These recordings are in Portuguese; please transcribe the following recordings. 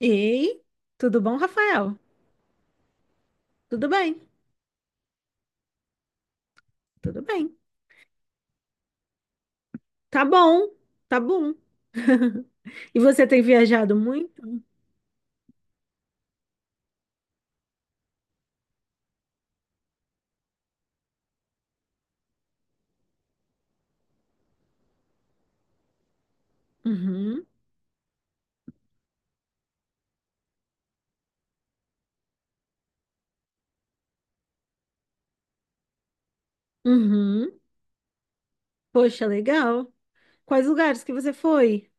Ei, tudo bom, Rafael? Tudo bem, tudo bem. Tá bom, tá bom. E você tem viajado muito? Uhum, uhum. Poxa, legal. Quais lugares que você foi?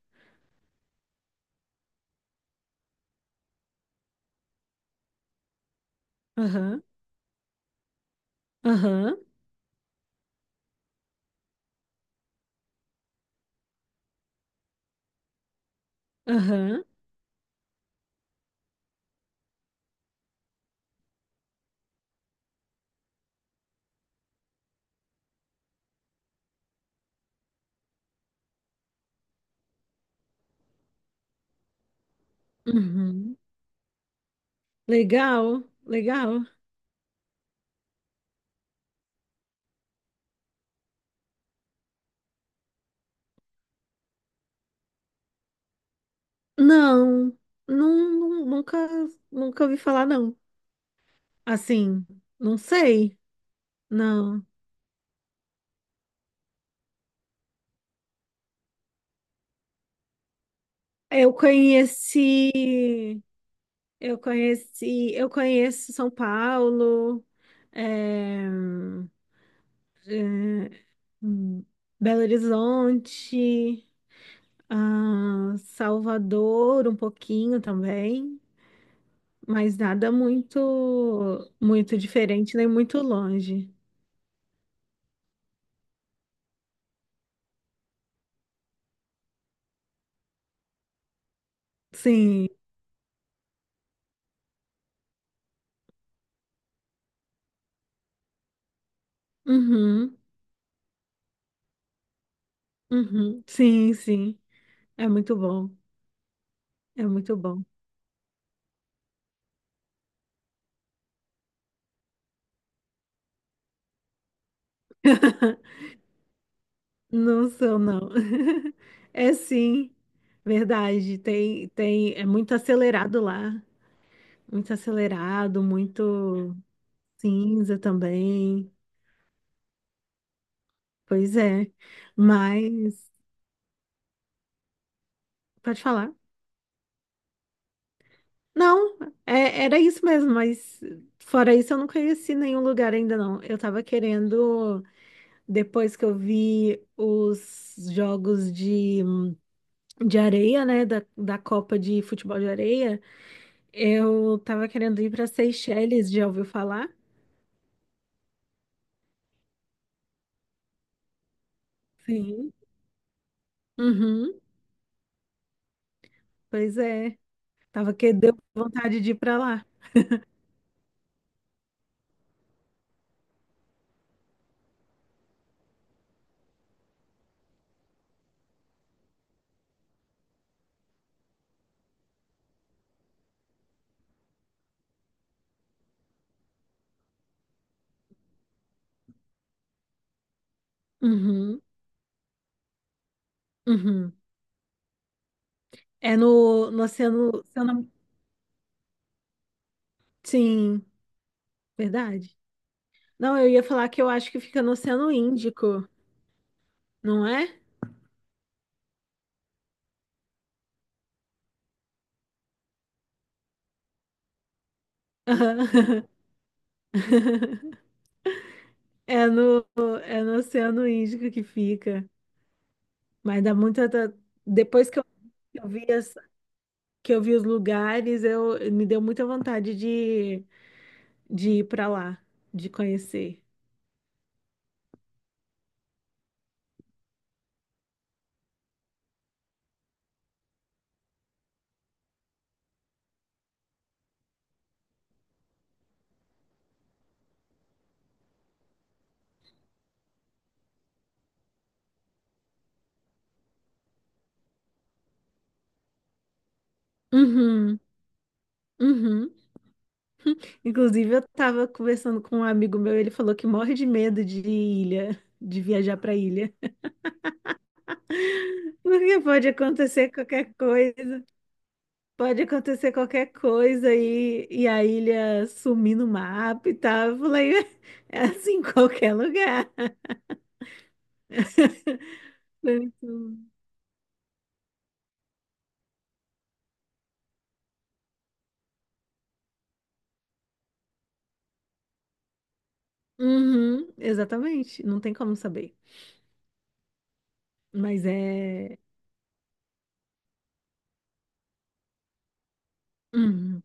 Aham, aham, aham, uhum. Legal, legal. Não, não, nunca, nunca ouvi falar, não. Assim, não sei, não. Eu conheci. Eu conheci, eu conheço São Paulo, eh, hum, Belo Horizonte, ah, Salvador um pouquinho também, mas nada muito, muito diferente nem muito longe. Sim, uhum, uhum, sim, sim, é muito bom, é muito bom. Não sou, não. É sim, verdade. Tem, tem, é muito acelerado lá. Muito acelerado, muito cinza também. Pois é. Mas, pode falar. Não, era isso mesmo, mas fora isso eu não conheci nenhum lugar ainda não. Eu tava querendo, depois que eu vi os jogos de areia, né, da Copa de Futebol de Areia, eu tava querendo ir para Seychelles, já ouviu falar? Sim. Uhum, pois é. Tava que deu vontade de ir para lá. Uhum. Uhum. No Oceano, Sim, verdade. Não, eu ia falar que eu acho que fica no Oceano Índico, não é? Aham. É no, é no Oceano Índico que fica. Mas dá muita. Depois que eu, que eu vi as- que eu vi os lugares, eu me deu muita vontade de ir para lá, de conhecer. Uhum, uhum. Inclusive, eu tava conversando com um amigo meu, ele falou que morre de medo de ilha, de viajar para ilha. Porque pode acontecer qualquer coisa, pode acontecer qualquer coisa e a ilha sumir no mapa e tal. Eu falei, é assim em qualquer lugar. Foi muito- Uhum, exatamente, não tem como saber. Mas é. Uhum,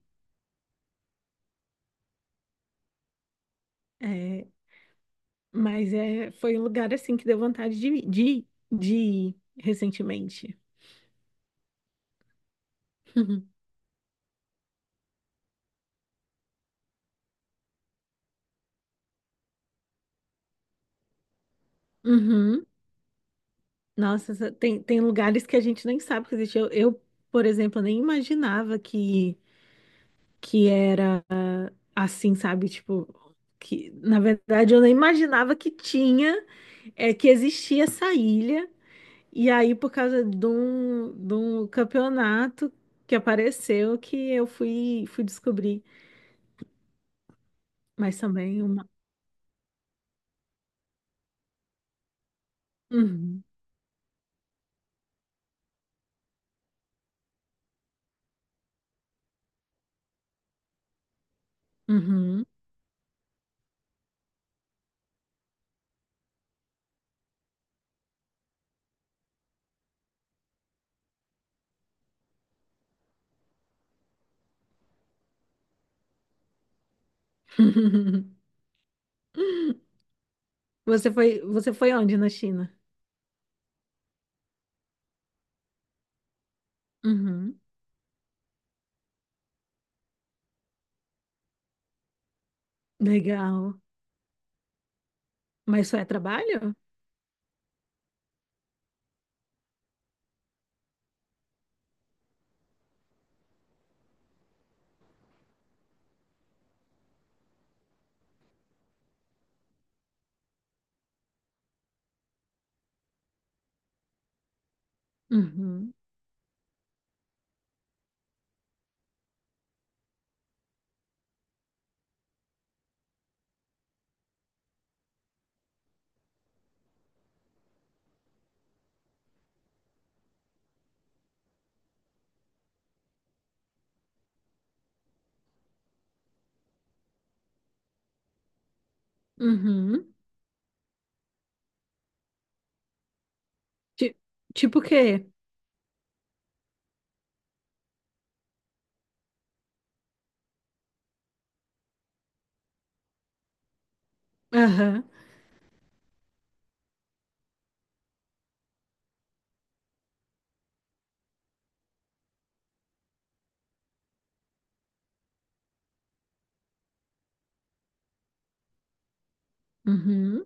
é- Mas é... foi um lugar assim que deu vontade de ir recentemente. Uhum. Nossa, tem, tem lugares que a gente nem sabe que existe. Eu, por exemplo, nem imaginava que era assim, sabe? Tipo, que na verdade eu nem imaginava que tinha, é, que existia essa ilha. E aí, por causa de um campeonato que apareceu, que eu fui, fui descobrir. Mas também uma. Uhum, uhum. Você foi onde na China? Uhum, legal. Mas só é trabalho? Uhum. Uhum. Ti- Tipo o quê? Aham. Uhum.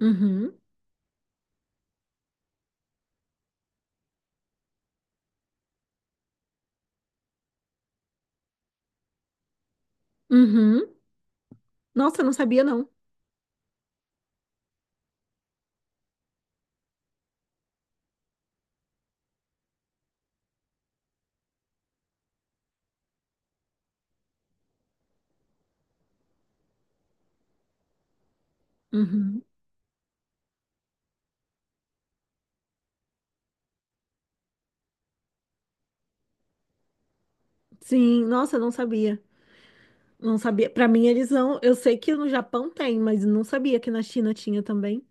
Uhum. Uhum. Nossa, eu não sabia, não. Uhum. Sim, nossa, eu não sabia. Não sabia. Pra mim, eles não. Eu sei que no Japão tem, mas não sabia que na China tinha também.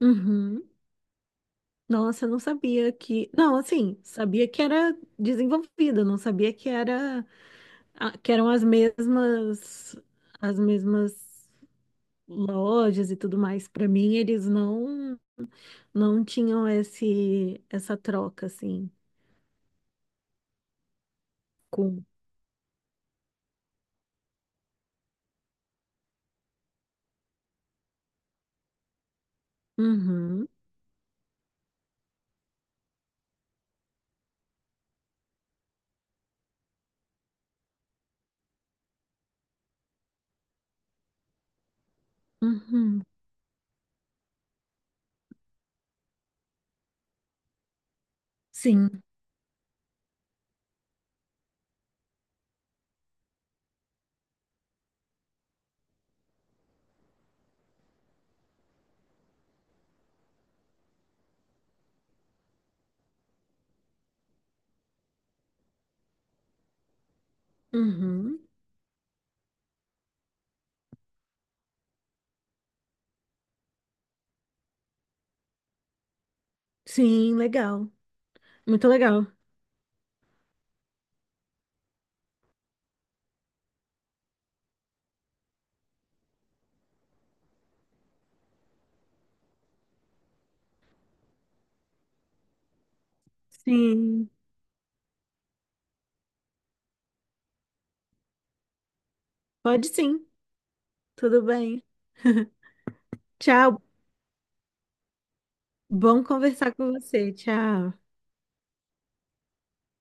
Uhum. Nossa, eu não sabia que. Não, assim, sabia que era desenvolvida, não sabia que era ah, que eram as mesmas lojas e tudo mais. Pra mim, eles não. Não tinham esse, essa troca, assim, com. Uhum, uhum, sim, uhum, sim, legal, muito legal. Sim, pode sim, tudo bem. Tchau, bom conversar com você, tchau.